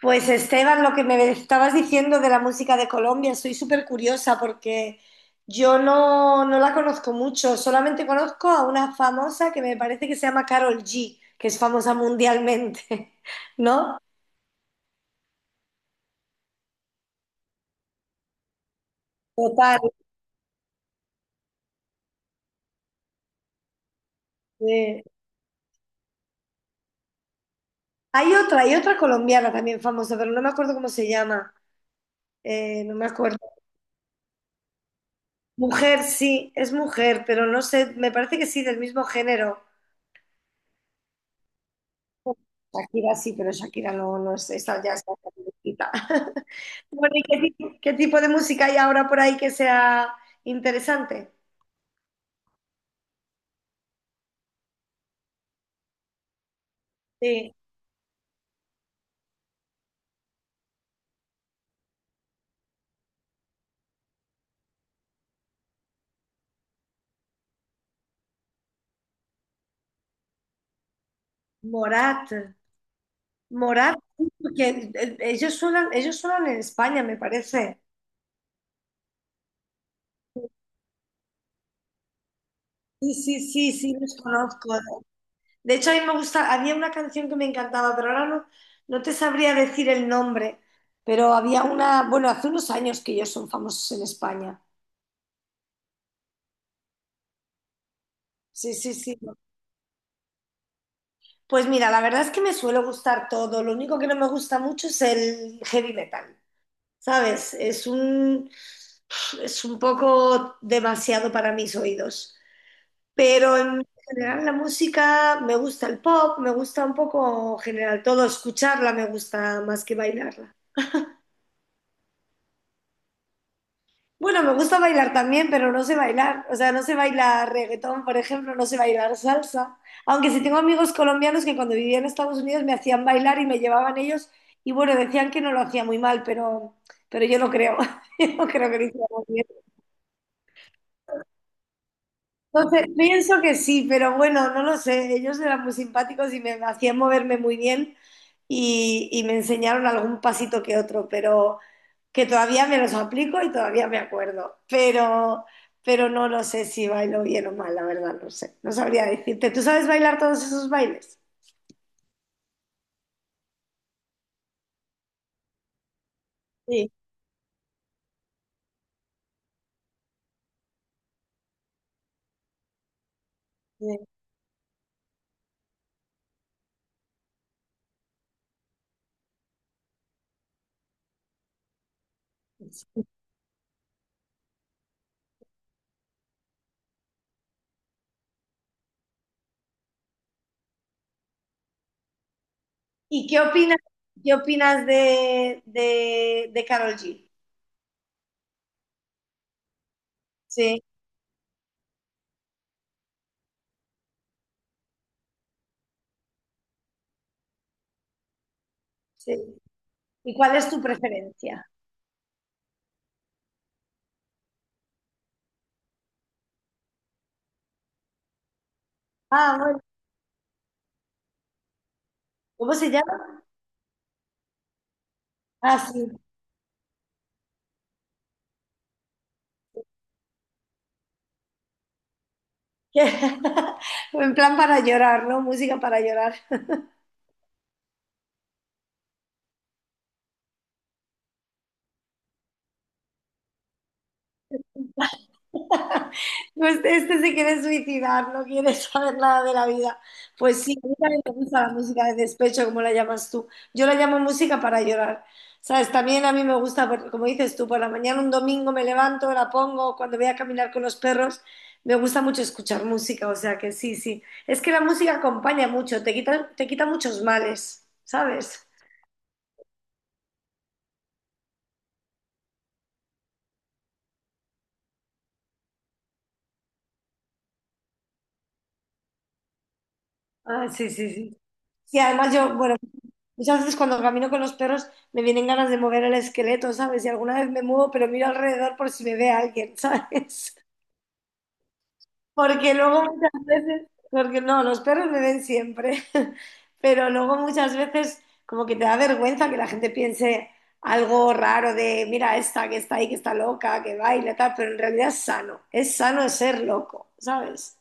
Pues Esteban, lo que me estabas diciendo de la música de Colombia, soy súper curiosa porque yo no la conozco mucho, solamente conozco a una famosa que me parece que se llama Carol G, que es famosa mundialmente, ¿no? Total. eh. Hay otra colombiana también famosa, pero no me acuerdo cómo se llama, no me acuerdo. Mujer, sí, es mujer, pero no sé, me parece que sí, del mismo género. Shakira sí, pero Shakira no es, esa ya está viejita. Bueno, ¿y qué, qué tipo de música hay ahora por ahí que sea interesante? Sí, Morat, Morat, porque ellos suenan en España, me parece. Sí, sí, sí, sí, los conozco. De hecho, a mí me gusta, había una canción que me encantaba, pero ahora no, no te sabría decir el nombre, pero había una, bueno, hace unos años que ellos son famosos en España. Sí, sí, sí. Pues mira, la verdad es que me suele gustar todo, lo único que no me gusta mucho es el heavy metal. ¿Sabes? Es un poco demasiado para mis oídos. Pero en general la música, me gusta el pop, me gusta un poco en general todo, escucharla me gusta más que bailarla. Bueno, me gusta bailar también, pero no sé bailar. O sea, no sé bailar reggaetón, por ejemplo, no sé bailar salsa. Aunque sí tengo amigos colombianos que cuando vivía en Estados Unidos me hacían bailar y me llevaban ellos y bueno, decían que no lo hacía muy mal, pero yo no creo. Yo no creo que lo hiciera muy bien. Entonces, pienso que sí, pero bueno, no lo sé. Ellos eran muy simpáticos y me hacían moverme muy bien y me enseñaron algún pasito que otro, pero que todavía me los aplico y todavía me acuerdo. Pero no lo sé si bailo bien o mal, la verdad, no sé. No sabría decirte. ¿Tú sabes bailar todos esos bailes? Sí, sí, ¿Y qué opinas de Karol G? Sí. Sí. ¿Y cuál es tu preferencia? Ah, bueno, ¿cómo se llama? Ah, sí. En plan para llorar, ¿no? Música para llorar. No, este se quiere suicidar, no quiere saber nada de la vida. Pues sí, a mí también me gusta la música de despecho, como la llamas tú. Yo la llamo música para llorar. ¿Sabes? También a mí me gusta, como dices tú, por la mañana un domingo me levanto, la pongo, cuando voy a caminar con los perros, me gusta mucho escuchar música, o sea que sí, sí. Es que la música acompaña mucho, te quita muchos males, ¿sabes? Ah, sí, sí, sí. Y además yo, bueno, muchas veces cuando camino con los perros me vienen ganas de mover el esqueleto, ¿sabes? Y alguna vez me muevo, pero miro alrededor por si me ve alguien, ¿sabes? Porque luego muchas veces, porque no, los perros me ven siempre, pero luego muchas veces como que te da vergüenza que la gente piense algo raro de, mira, esta que está ahí, que está loca, que baila, tal, pero en realidad es sano ser loco, ¿sabes?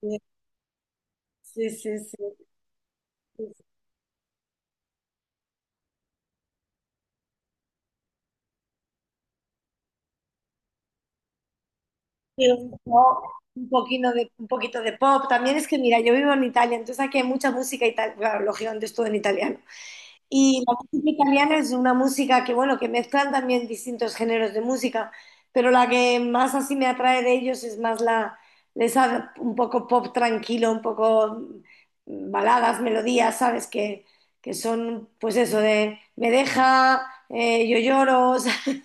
Sí, sí, sí, sí. Y un pop, un poquito de pop. También es que, mira, yo vivo en Italia, entonces aquí hay mucha música italiana, claro, lógicamente es todo en italiano. Y la música italiana es una música que, bueno, que mezclan también distintos géneros de música, pero la que más así me atrae de ellos es más la, esa un poco pop tranquilo, un poco baladas, melodías, ¿sabes? Que son, pues eso, de me deja, yo lloro, ¿sabes?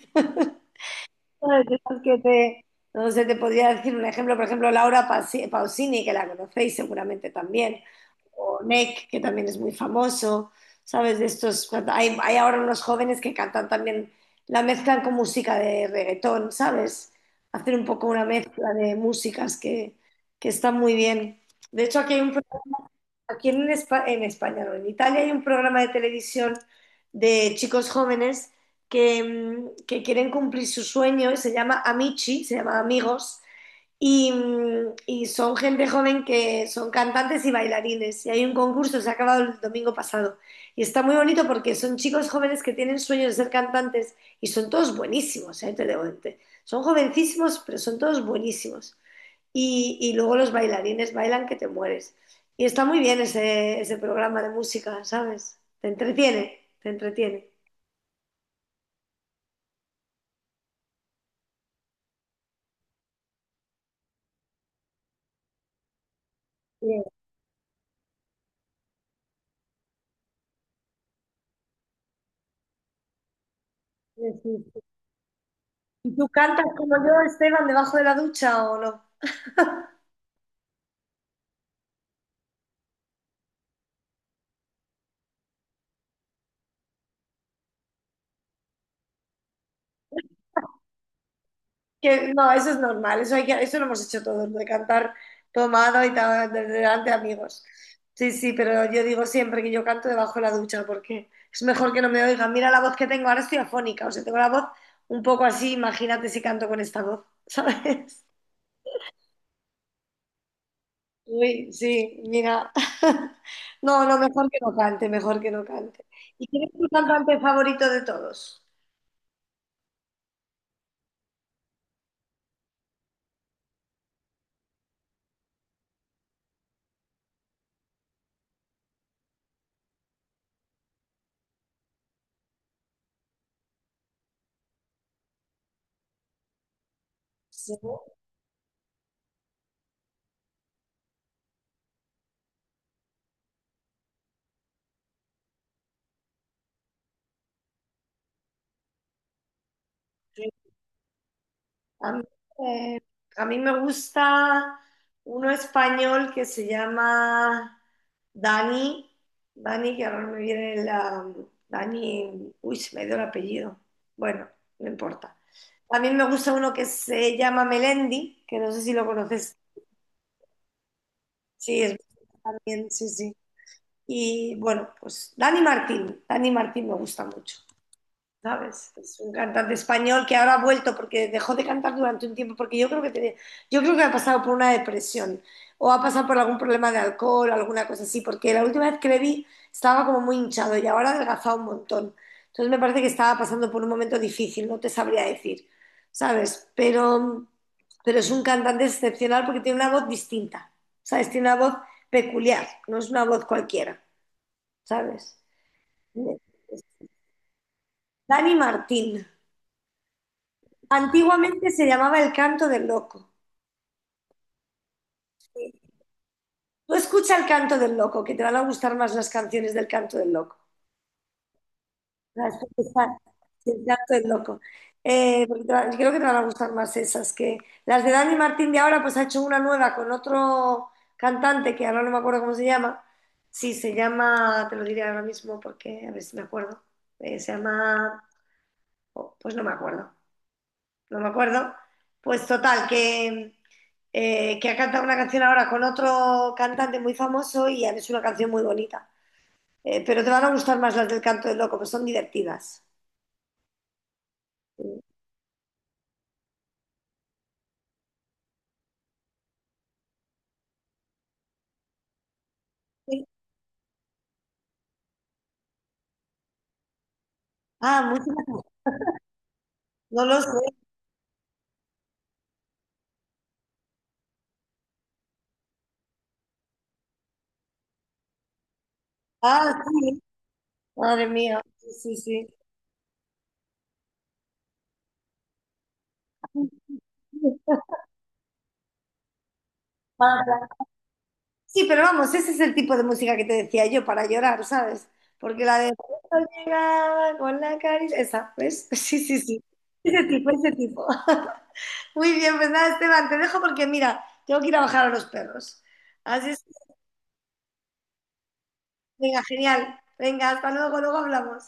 Ay, cosas que no sé, te podría decir un ejemplo, por ejemplo, Laura Pausini, que la conocéis seguramente también, o Nek, que también es muy famoso, ¿sabes? De estos, hay ahora unos jóvenes que cantan también, la mezclan con música de reggaetón, ¿sabes? Hacen un poco una mezcla de músicas que está muy bien. De hecho, aquí hay un aquí en, en España, no, en Italia hay un programa de televisión de chicos jóvenes que, que quieren cumplir su sueño y se llama Amici, se llama Amigos, y, y son gente joven que son cantantes y bailarines. Y hay un concurso, se ha acabado el domingo pasado. Y está muy bonito porque son chicos jóvenes que tienen sueños de ser cantantes y son todos buenísimos, ¿eh? Son jovencísimos, pero son todos buenísimos y luego los bailarines bailan que te mueres. Y está muy bien ese, ese programa de música, ¿sabes? Te entretiene, te entretiene. Bien, bien, sí. Sí. ¿Y tú cantas como yo, Esteban, debajo de la ducha o no? Que no, eso es normal, eso, hay que, eso lo hemos hecho todos, de cantar tomado y tal, delante de amigos. Sí, sí, pero yo digo siempre que yo canto debajo de la ducha porque es mejor que no me oigan. Mira la voz que tengo, ahora estoy afónica, o sea, tengo la voz un poco así, imagínate si canto con esta voz, ¿sabes? Uy, sí, mira. No, no, mejor que no cante, mejor que no cante. ¿Y quién es tu cantante favorito de todos? Sí, sí. A mí, eh, a mí me gusta uno español que se llama Dani. Dani, que ahora no me viene la... Dani, uy, se me dio el apellido. Bueno, no importa. También me gusta uno que se llama Melendi, que no sé si lo conoces. Sí, es también, sí, sí. Y bueno, pues Dani Martín, Dani Martín me gusta mucho, ¿sabes? Es un cantante español que ahora ha vuelto porque dejó de cantar durante un tiempo, porque yo creo que yo creo que ha pasado por una depresión o ha pasado por algún problema de alcohol, alguna cosa así, porque la última vez que le vi estaba como muy hinchado y ahora ha adelgazado un montón. Entonces me parece que estaba pasando por un momento difícil, no te sabría decir, ¿sabes? Pero es un cantante excepcional porque tiene una voz distinta, ¿sabes? Tiene una voz peculiar, no es una voz cualquiera. ¿Sabes? Dani Martín. Antiguamente se llamaba El Canto del Loco. Tú escucha El Canto del Loco, que te van a gustar más las canciones del Canto del Loco. Las que están- El Canto del Loco. Porque creo que te van a gustar más esas que las de Dani Martín de ahora, pues ha hecho una nueva con otro cantante que ahora no me acuerdo cómo se llama. Sí, se llama, te lo diré ahora mismo porque a ver si me acuerdo. Se llama, oh, pues no me acuerdo, no me acuerdo. Pues total, que ha cantado una canción ahora con otro cantante muy famoso y es una canción muy bonita. Pero te van a gustar más las del canto del loco, que son divertidas. Sí. Ah, mucho- no lo sé. Ah, sí, madre mía. Sí, sí, sí. Para- Sí, pero vamos, ese es el tipo de música que te decía yo para llorar, ¿sabes? Porque la de "Cuando llegaba con la caricia", esa, ¿ves? Sí, sí, sí. Ese tipo, ese tipo. Muy bien, pues nada, Esteban, te dejo porque mira, tengo que ir a bajar a los perros. Así es. Venga, genial. Venga, hasta luego, luego hablamos.